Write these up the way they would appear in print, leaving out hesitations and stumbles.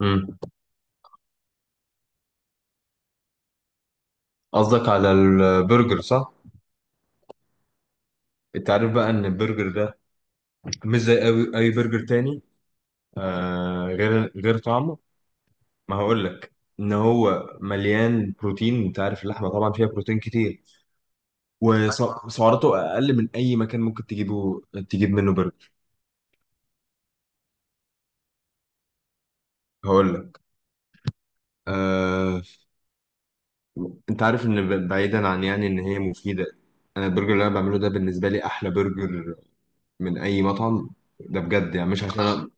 مم. قصدك على البرجر صح؟ انت عارف بقى ان البرجر ده مش زي أي, اي برجر تاني، آه غير طعمه. ما هقول لك ان هو مليان بروتين، انت عارف اللحمه طبعا فيها بروتين كتير، وسعراته اقل من اي مكان ممكن تجيب منه برجر. هقول لك آه، انت عارف ان بعيدا عن يعني ان هي مفيده، انا البرجر اللي انا بعمله ده بالنسبه لي احلى برجر من اي مطعم. ده بجد يعني، مش عشان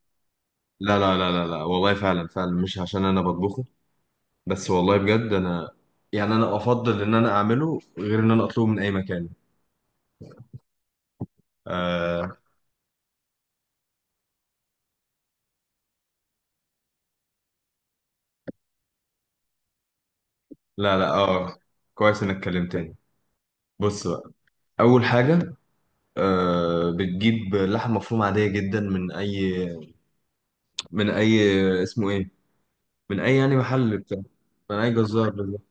لا والله، فعلا فعلا مش عشان انا بطبخه، بس والله بجد انا يعني انا افضل ان انا اعمله غير ان انا اطلبه من اي مكان. آه، لا اه، كويس انك كلمتني. بص بقى، اول حاجه، آه بتجيب لحم مفروم عاديه جدا من اي اسمه ايه، من اي يعني محل بتاع، من اي جزار بالظبط.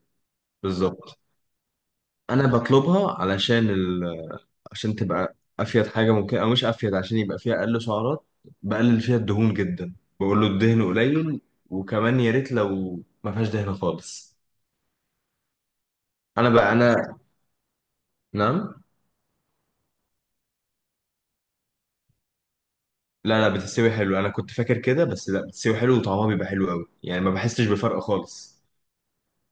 بالظبط. انا بطلبها علشان عشان تبقى افيد حاجه ممكن، او مش افيد عشان يبقى فيها اقل سعرات، بقلل فيها الدهون جدا، بقول له الدهن قليل، وكمان يا ريت لو ما فيهاش دهن خالص. انا بقى انا، نعم؟ لا بتستوي حلو، انا كنت فاكر كده بس لا، بتستوي حلو وطعمها بيبقى حلو قوي يعني، ما بحسش بفرق خالص.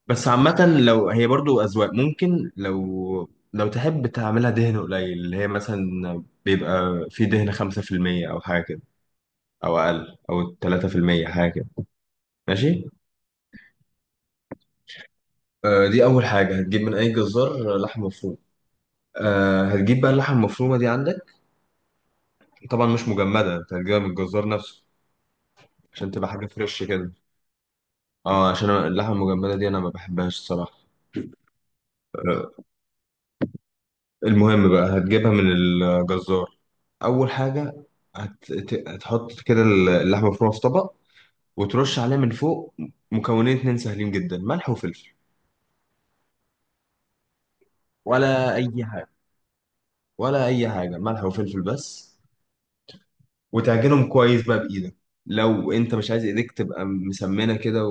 بس عامه لو هي برضو اذواق، ممكن لو تحب تعملها دهن قليل اللي هي مثلا بيبقى في دهن 5% او حاجه كده، او اقل او 3% حاجه كده. ماشي. آه، دي أول حاجة، هتجيب من أي جزار لحم مفروم. آه، هتجيب بقى اللحمة المفرومة دي عندك طبعا مش مجمدة، أنت هتجيبها من الجزار نفسه، عشان تبقى حاجة فريش كده، اه عشان أنا اللحمة المجمدة دي أنا ما بحبهاش الصراحة. آه، المهم بقى هتجيبها من الجزار. أول حاجة هتحط كده اللحمة المفرومة في طبق، وترش عليها من فوق مكونين اتنين سهلين جدا، ملح وفلفل. ولا أي حاجة، ولا أي حاجة، ملح وفلفل بس. وتعجنهم كويس بقى بإيدك، لو أنت مش عايز إيديك تبقى مسمنة كده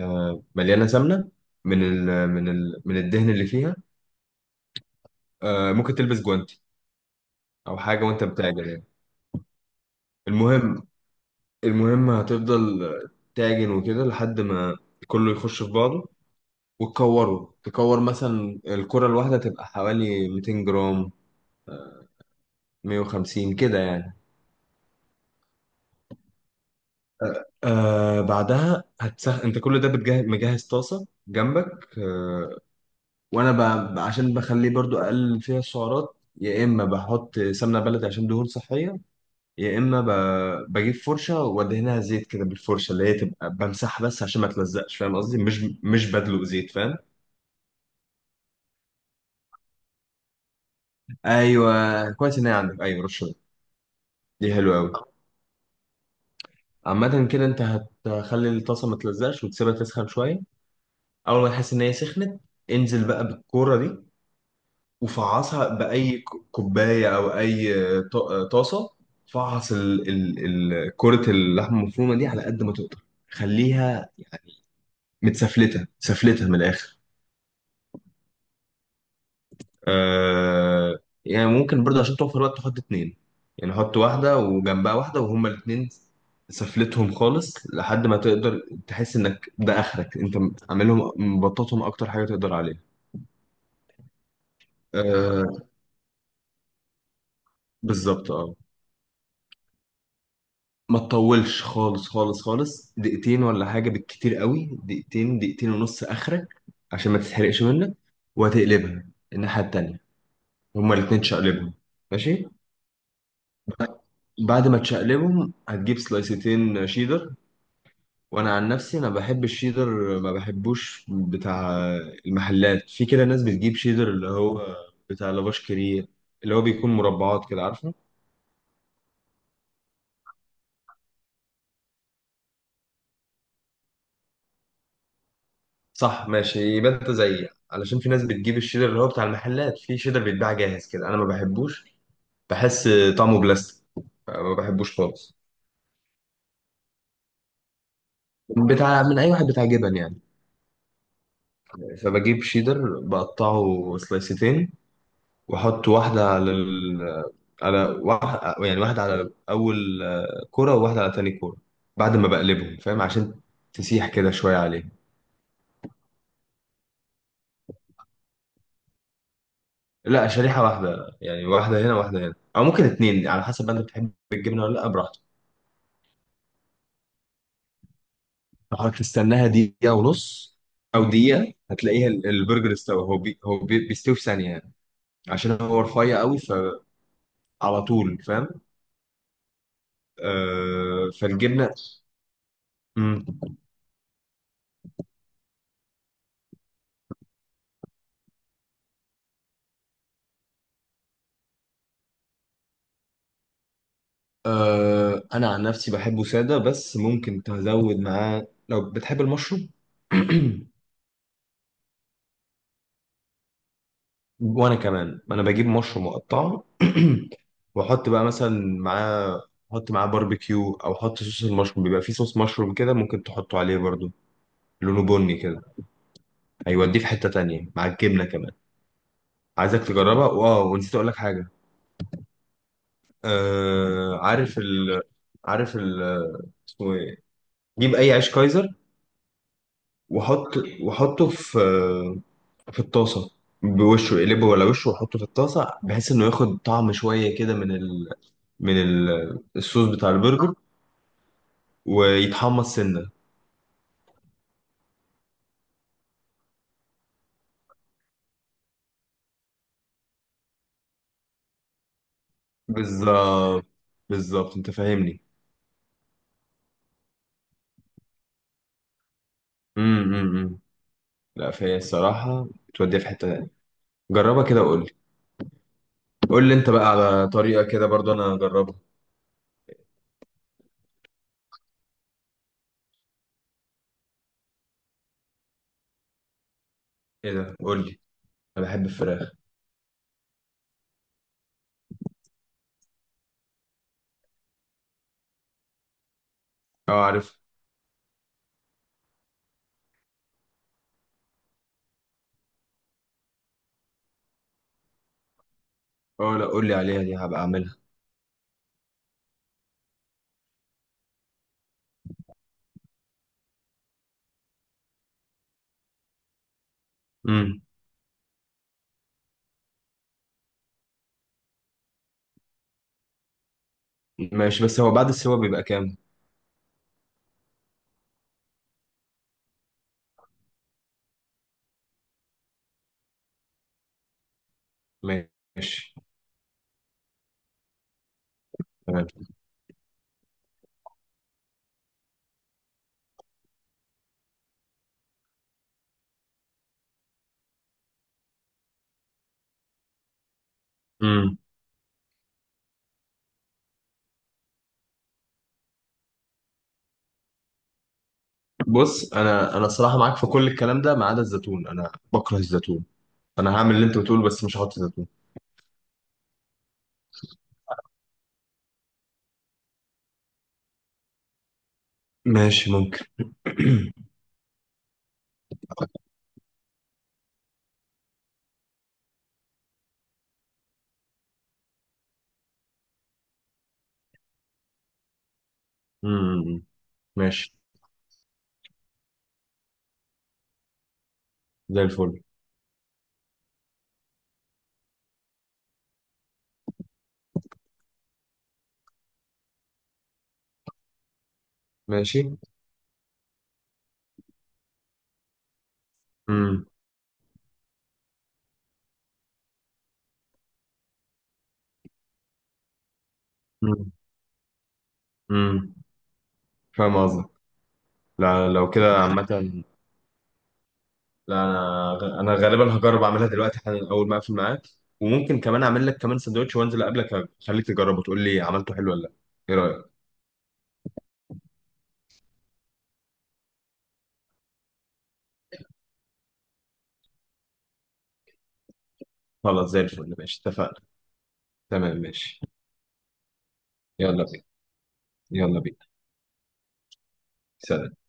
ومليانة سمنة من الدهن اللي فيها. آه، ممكن تلبس جوانتي أو حاجة وأنت بتعجن يعني. المهم المهم هتفضل تعجن وكده لحد ما كله يخش في بعضه، وتكوره. تكور مثلا الكرة الواحدة تبقى حوالي 200 جرام، 150 كده يعني. آه، بعدها هتسخن، انت كل ده بتجهز، مجهز طاسة جنبك، آه. وانا عشان بخليه برضو اقلل فيها السعرات، يا اما بحط سمنه بلدي عشان دهون صحيه، يا اما بجيب فرشه وادهنها زيت كده بالفرشه، اللي هي تبقى بمسحها بس عشان ما تلزقش، فاهم قصدي؟ مش مش بدلق زيت، فاهم؟ ايوه كويس، ان هي عندك ايوه، رشه دي حلوه قوي. عامة كده، انت هتخلي الطاسة ما تلزقش، وتسيبها تسخن شوية. أول ما تحس إن هي سخنت، انزل بقى بالكورة دي وفعصها بأي كوباية أو أي ط- طاسة. فعص كرة اللحمة المفرومة دي على قد ما تقدر، خليها يعني متسفلتة، سفلتها من الآخر. آه، يعني ممكن برضه عشان توفر وقت تحط اتنين، يعني حط واحدة وجنبها واحدة وهما الاتنين سفلتهم خالص لحد ما تقدر، تحس انك ده اخرك انت عاملهم، مبططهم اكتر حاجة تقدر عليها. آه، بالظبط اه. ما تطولش خالص خالص، دقيقتين ولا حاجة، بالكتير قوي دقيقتين ونص آخرك، عشان ما تتحرقش منك. وهتقلبها الناحية التانية، هما الاتنين تشقلبهم، ماشي. ب- بعد ما تشقلبهم، هتجيب سلايستين شيدر. وانا عن نفسي انا بحب الشيدر، ما بحبوش بتاع المحلات. في كده ناس بتجيب شيدر اللي هو بتاع لافاش كريه، اللي هو بيكون مربعات كده، عارفه؟ صح، ماشي، يبقى انت زيي، علشان في ناس بتجيب الشيدر اللي هو بتاع المحلات، في شيدر بيتباع جاهز كده، انا ما بحبوش، بحس طعمه بلاستيك، ما بحبوش خالص. بتاع من اي واحد بتاع جبن يعني. فبجيب شيدر بقطعه سلايستين، واحط واحده على ال... على واحد يعني، واحده على اول كره، وواحده على تاني كره، بعد ما بقلبهم، فاهم؟ عشان تسيح كده شويه عليه. لا، شريحه واحده، يعني واحده هنا واحده هنا، او ممكن اتنين على حسب، انت بتحب الجبنه ولا لا، براحتك. حضرتك تستناها دقيقة ونص أو دقيقة، هتلاقيها البرجر استوى، هو بي هو بي بيستوي في ثانية يعني، عشان هو رفيع قوي، فعلى طول، فاهم؟ آه، فالجبنة. مم. آه، أنا عن نفسي بحبه سادة، بس ممكن تزود معاه لو بتحب المشروم. وأنا كمان أنا بجيب مشروم مقطع وأحط بقى مثلا معاه، أحط معاه باربيكيو، أو أحط صوص المشروم، بيبقى فيه صوص مشروم كده ممكن تحطه عليه برضو، لونه بني كده، هيوديه في حتة تانية مع الجبنة كمان. عايزك تجربها. واه، ونسيت اقول لك حاجة، آه، عارف ال اسمه ايه، جيب اي عيش كايزر، وحط وحطه في في الطاسة، بوشه، اقلبه ولا وشه، وحطه في الطاسة بحيث انه ياخد طعم شوية كده من الصوص بتاع البرجر، ويتحمص سنة. بالظبط، بالظبط، انت فاهمني. امم، أمم، أمم. لا فهي الصراحة بتوديها في حتة تانية، جربها كده وقول لي. قول لي انت بقى على طريقة كده برضو انا هجربها. ايه ده، قول لي، انا بحب الفراخ. اه عارف. اه، لا قول لي عليها، دي هبقى اعملها. امم. ماشي، بس هو بعد السوا بيبقى كام؟ ماشي. تمام. امم. بص انا انا صراحة معاك في كل الكلام ده، ما عدا الزيتون، انا بكره الزيتون. انا هعمل اللي انت بتقوله بس مش هحط زيتون. ماشي، ممكن. امم. ماشي، زي الفل، ماشي. امم، امم، امم. فاهم قصدك. لا، لو كده عامة، لا، انا غالبا هجرب اعملها دلوقتي حالا اول ما اقفل معاك، وممكن كمان اعمل لك كمان سندوتش وانزل اقابلك، اخليك تجربه وتقول لي عملته حلو ولا لا، ايه رايك؟ خلاص، زي الفل، ماشي، اتفقنا. تمام، ماشي. يلا بينا، يلا بينا، سلام.